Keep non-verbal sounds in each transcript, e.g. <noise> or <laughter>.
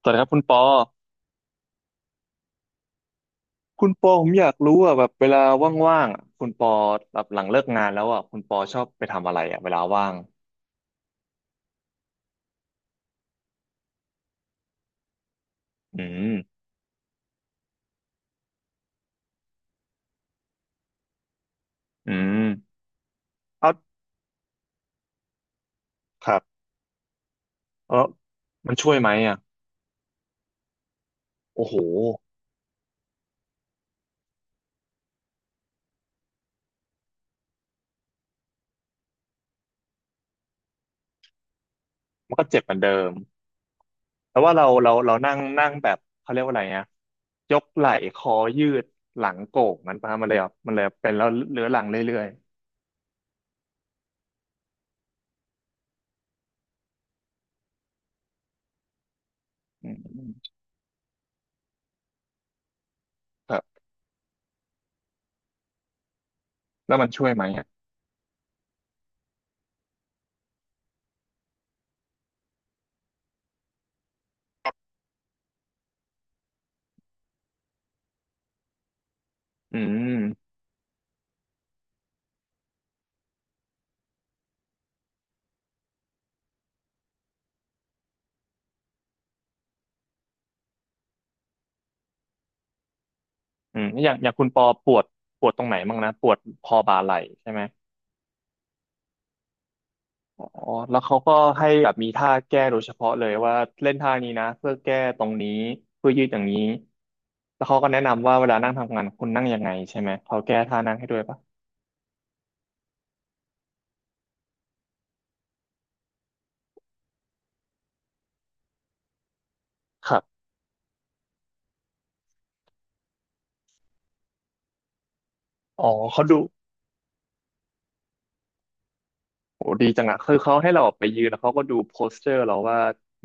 สวัสดีครับคุณปอคุณปอผมอยากรู้อ่ะแบบเวลาว่างๆอะคุณปอแบบหลังเลิกงานแล้วอ่ะคุณปอชอบไปทำอะไรอ่ะเวลาว่างอืมอืมเอาครับเออมันช่วยไหมอ่ะ โอ้โหมันก็เจ็บเหมือนเดิมแต่ว่าเรานั่งนั่งแบบเขาเรียกว่าอะไรนะยกไหล่คอยืดหลังโก่งมันประมาณเลยอ่ะมันเลยเป็นแล้วเรื้อรังเรื่อยๆอืมครับแล้วมันช่วยไหมอ่ะอืมอย่างคุณปอปวดปวดตรงไหนบ้างนะปวดคอบ่าไหล่ใช่ไหม อ๋อแล้วเขาก็ให้แบบมีท่าแก้โดยเฉพาะเลยว่าเล่นท่านี้นะเพื่อแก้ตรงนี้เพื่อยืดอย่างนี้แล้วเขาก็แนะนำว่าเวลานั่งทำงานคุณนั่งยังไงใช่ไหมเขาแก้ท่านั่งให้ด้วยปะครับอ๋อเขาดูโหดีจังอะคือเขาให้เราออกไปยืนแล้วเขาก็ดูโพสเจอร์เราว่า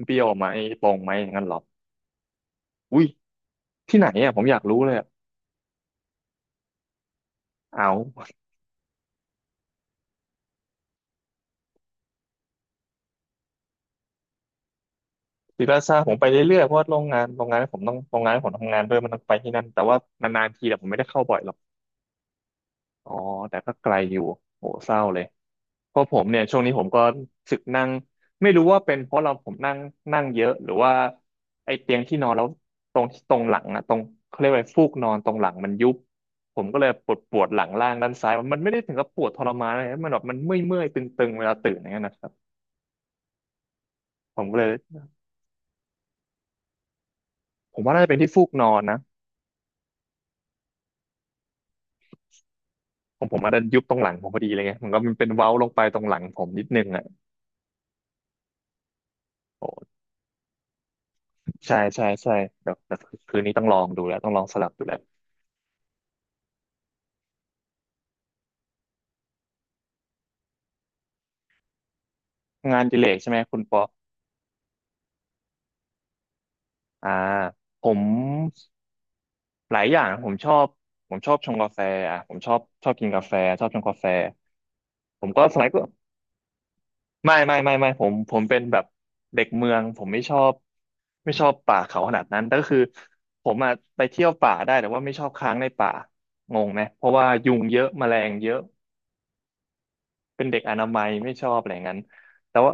เบี้ยวไหมตรงไหมอย่างนั้นหรออุ้ยที่ไหนอะผมอยากรู้เลยอะเอาศิลาซาผมไปเรื่อยๆเพราะว่าโรงงานที่ผมต้องโรงงานที่ผมทำงานด้วยมันต้องไปที่นั่นแต่ว่านานๆทีแต่ผมไม่ได้เข้าบ่อยหรอกอ๋อแต่ก็ไกลอยู่โหเศร้าเลย เพราะผมเนี่ยช่วงนี้ผมก็สึกนั่งไม่รู้ว่าเป็นเพราะเราผมนั่งนั่งเยอะหรือว่าไอ้เตียงที่นอนแล้วตรงหลังอะตรงเขาเรียกว่าฟูกนอนตรงหลังมันยุบผมก็เลยปวดปวดหลังล่างด้านซ้ายมันไม่ได้ถึงกับปวดทรมานอะไรนะมันแบบมันเมื่อยเมื่อยตึงๆเวลาตื่นอย่างเงี้ยนะครับผมก็เลยผมว่าน่าจะเป็นที่ฟูกนอนนะผมอาจจะยุบตรงหลังผมพอดีเลยไงมันก็มันเป็นเว้าลงไปตรงหลังผมนิดนึงอ่ะโอ้ใช่ใช่ใช่เดี๋ยวคืนนี้ต้องลองดูแล้วต้องลองสลับดูแล้วงานอดิเรกใช่ไหมคุณปอ อ่าผมหลายอย่างนะผมชอบผมชอบชงกาแฟอ่ะผมชอบชอบกินกาแฟชอบชงกาแฟผมก็สมัยก็ไม่ผมเป็นแบบเด็กเมืองผมไม่ชอบไม่ชอบป่าเขาขนาดนั้นแต่ก็คือผมอ่ะไปเที่ยวป่าได้แต่ว่าไม่ชอบค้างในป่างงไหมเพราะว่ายุงเยอะแมลงเยอะเป็นเด็กอนามัยไม่ชอบอะไรอย่างนั้นแต่ว่า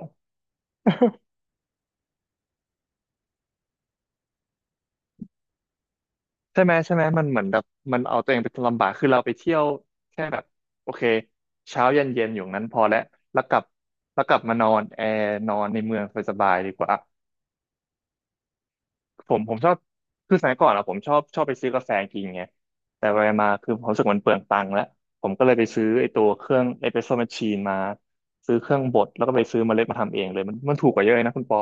ใช่ไหมมันเหมือนแบบมันเอาตัวเองไปลำบากคือเราไปเที่ยวแค่แบบโอเคเช้าเย็นอยู่นั้นพอแล้วแล้วกลับแล้วกลับมานอนแอร์นอนในเมืองสบายๆดีกว่าผมชอบคือสมัยก่อนอะผมชอบชอบไปซื้อกาแฟกินไงแต่ไปมาคือผมรู้สึกมันเปลืองตังค์แล้วผมก็เลยไปซื้อไอ้ตัวเครื่องเอสเปรสโซ่แมชชีนมาซื้อเครื่องบดแล้วก็ไปซื้อเมล็ดมาทำเองเลยมันมันถูกกว่าเยอะเลยนะคุณปอ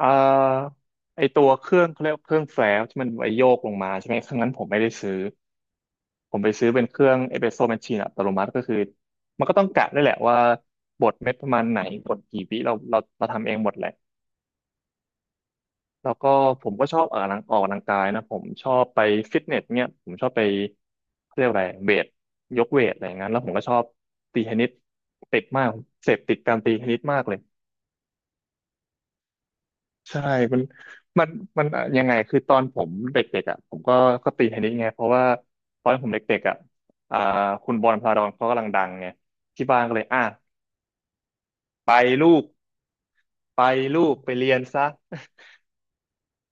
อ่าไอ้ตัวเครื่องเขาเรียกว่าเครื่องแฟลชที่มันไว้โยกลงมาใช่ไหมเครื่องนั้นผมไม่ได้ซื้อ ผมไปซื้อเป็นเครื่องเอสเปรสโซ่แมชชีนอัตโนมัติก็คือมันก็ต้องกะได้วยแหละว่าบดเม็ดประมาณไหนบดกี่วิเราทำเองหมดแหละแล้วก็ผมก็ชอบออกกำลังออกกำลังกายนะผมชอบไปฟิตเนสเนี่ยผมชอบไปเขาเรียกอะไรเวทยกเวทอะไรอย่างนั้นแล้วผมก็ชอบตีเทนนิสติดมากเสพติดการตีเทนนิสมากเลย ใช่มันมันมันอะยังไงคือตอนผมเด็กๆอ่ะผมก็ตีเทนนิสไงเพราะว่าตอนผมเด็กๆอ่ะอ่าคุณบอลพาราดอนเขากำลังดังไงที่บ้านก็เลยอ่ะไปลูกไปลูกไปเรียนซะ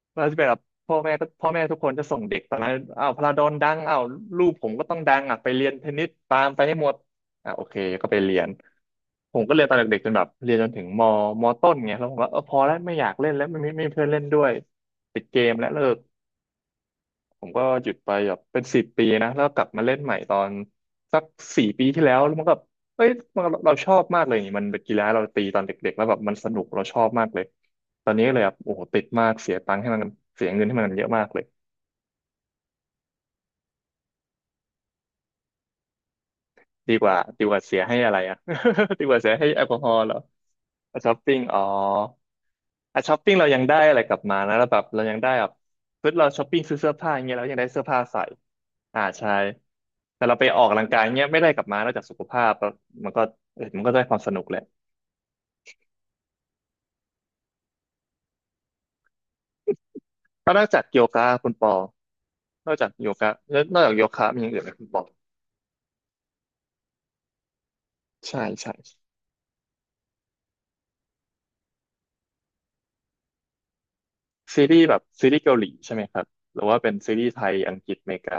<laughs> แล้วที่แบบพ่อแม่ทุกคนจะส่งเด็กตอนนั้นอ้าวพาราดอนดังอ้าวลูกผมก็ต้องดังอ่ะไปเรียนเทนนิสตามไปให้หมดอ่ะโอเคก็ไปเรียนผมก็เรียนตอนเด็กๆจนแบบเรียนจนถึงมต้นไงแล้วผมว่าเออพอแล้วไม่อยากเล่นแล้วไม่มีเพื่อนเล่นด้วยปิดเกมและเลิก ผมก็หยุดไปแบบเป็นสิบปีนะแล้วกลับมาเล่นใหม่ตอนสักสี่ปีที่แล้วแล้วมันก็เอ้ยมันเราชอบมากเลยนี่มันเป็นกีฬาเราตีตอนเด็กๆแล้วแบบมันสนุกเราชอบมากเลยตอนนี้ก็เลยแบบโอ้โหติดมากเสียตังค์ให้มันเสียเงินให้มันเยอะมากเลย ดีกว่าเสียให้อะไรอ่ะ <laughs> ดีกว่าเสียให้แอลกอฮอล์เหรออ่ะช้อปปิ้งอ๋ออ่ะช้อปปิ้งเรายังได้อะไรกลับมานะแล้วแบบเรายังได้แบบเราช้อปปิ้งซื้อเสื้อผ้าอย่างเงี้ยเรายังได้เสื้อผ้าใส่อ่าใช่แต่เราไปออกกำลังกายเงี้ยไม่ได้กลับมานอกจากสุขภาพแล้วมันก็เออมันก็ได้ความสนุกแหละแล้วนอกจากโยคะคุณปอนอกจากโยคะแล้วนอกจากโยคะมีอย่างอื่นไหมคุณปอใช่ใช่ซีรีส์แบบซีรีส์เกาหลีใช่ไหมครับหรือว่าเป็นซีรีส์ไทยอังกฤษอเมริกา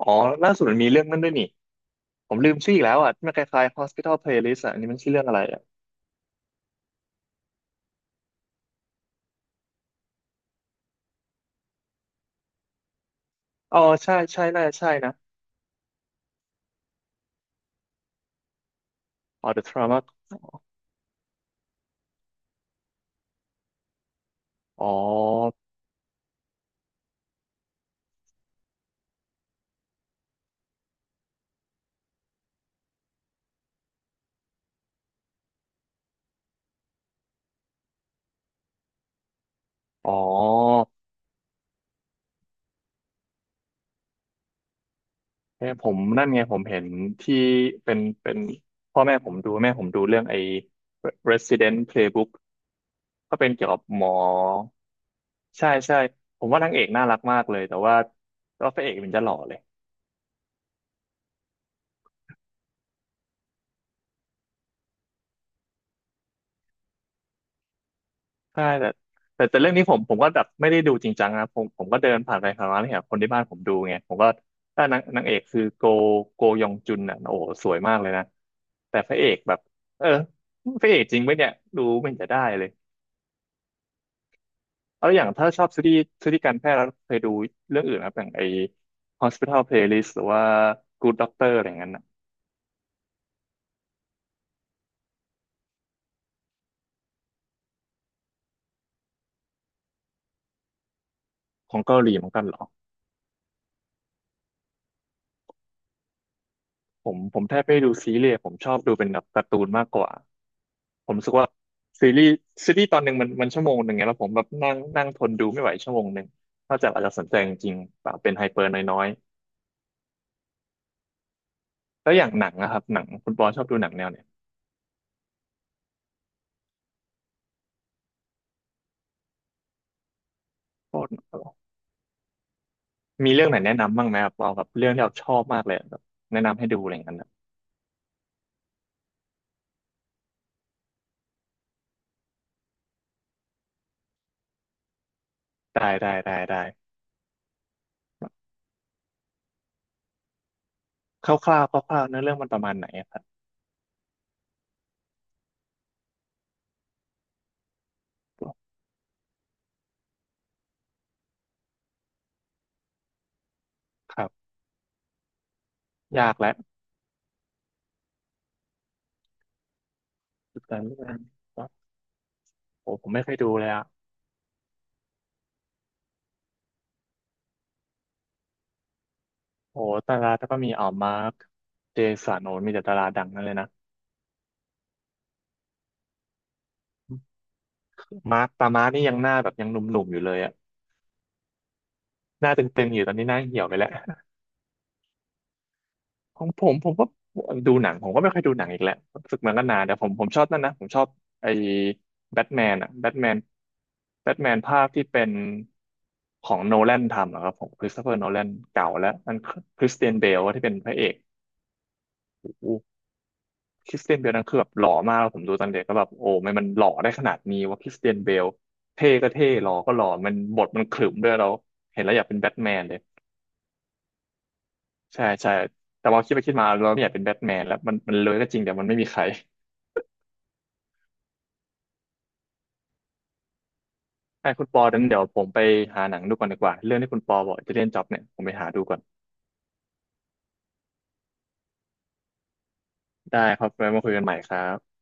อ๋อล่าสุดมันมีเรื่องนั้นด้วยนี่ ผมลืมชื่ออีกแล้วอ่ะที่มันคล้ายๆ Hospital Playlist อ่ะอันนี้มันชื่อเรื่องอะไรอ่ะอ๋อใช่ใช่น่าจะใช่นะอ๋อ The Trauma อ๋ออ๋อเนี่ยผมนั่นไงผมเห็นที่เป็นพ่อแม่ผมดูแม่ผมดูเรื่องไอ้ Resident Playbook ก็เป็นเกี่ยวกับหมอใช่ใช่ผมว่านางเอกน่ารักมากเลยแต่ว่าพระเอกมันจะหล่อเลย ใช่แต่เรื่องนี้ผมก็แบบไม่ได้ดูจริงจังนะผมก็เดินผ่านไปผ่านมาเนี่ยคนที่บ้านผมดูไงผมก็ถ้านางเอกคือโกยองจุนอ่ะโอ้โหสวยมากเลยนะแต่พระเอกแบบเออพระเอกจริงไหมเนี่ยดูไม่เห็นจะได้เลยแล้วอย่างถ้าชอบซีรีส์การแพทย์แล้วเคยดูเรื่องอื่นนะครับอย่างไอ้ Hospital Playlist หรือว่า Good Doctor อะไรอย่างนั้นน่ะของเกาหลีเหมือนกันเหรอผมแทบไม่ได้ดูซีรีส์ผมชอบดูเป็นแบบการ์ตูนมากกว่า ผมรู้สึกว่าซีรีส์ซีรีส์ตอนหนึ่งมันชั่วโมงหนึ่งไงแล้วผมแบบนั่งนั่งทนดูไม่ไหวชั่วโมงหนึ่งนอกจากอาจจะสนใจจริงๆเปล่าเป็นไฮเปอร์น้อยๆแล้วอย่างหนังนะครับหนังคุณปอชอบดูหนังแนวเนี่ยโคตรมีเรื่องไหนแนะนำบ้างไหมครับเอาแบบเรื่องที่เราชอบมากเลยแบบแนะนำให้ดูอะไรอย่างนั้นนะได้ได้ได้ได้คร่าวๆคร่าวๆเนื้อเรื่องมันประมาณไหนอะครับครับยากแล้วสุดท้ายเรื่องโอ้ผมไม่เคยดูเลยอะโอ้ดาราแต่ก็มีอ๋อมาร์คเจสันโอ้มีแต่ดาราดังนั่นเลยนะ มาร์คตามาร์คนี่ยังหน้าแบบยังหนุ่มๆอยู่เลยอะหน้าเตึงๆอยู่ตอนนี้หน้าเหี่ยวไปแล้วของผมก็ดูหนังผมก็ไม่ค่อยดูหนังอีกแล้วรู้สึกมันก็นานแต่ผมชอบนั่นนะ ผมชอบไอ้แบทแมนอะแบทแมนแบทแมนภาคที่เป็นของโนแลนทำอะครับผมคริสโตเฟอร์โนแลนเก่าแล้วมันคริสเตียนเบลที่เป็นพระเอกโอ้โหคริสเตียนเบลนั่นคือแบบหล่อมากแล้วผมดูตอนเด็กก็แบบโอ้ไม่มันหล่อได้ขนาดนี้ว่าคริสเตียนเบลเท่ก็เท่หล่อก็หล่อมันบทมันขรึมด้วยเราเห็นแล้วอยากเป็นแบทแมนเลย ใช่ใช่แต่ว่าคิดไปคิดมาเราไม่อยากเป็นแบทแมนแล้วมันเลยก็จริงแต่มันไม่มีใครให้คุณปอนั้นเดี๋ยวผมไปหาหนังดูก่อนดีกว่าเรื่องที่คุณปอบอกจะเล่นจ็อบเนี่ยผมไปหาดูก่อนได้ครับไว้มาคุยกันใหม่ครับ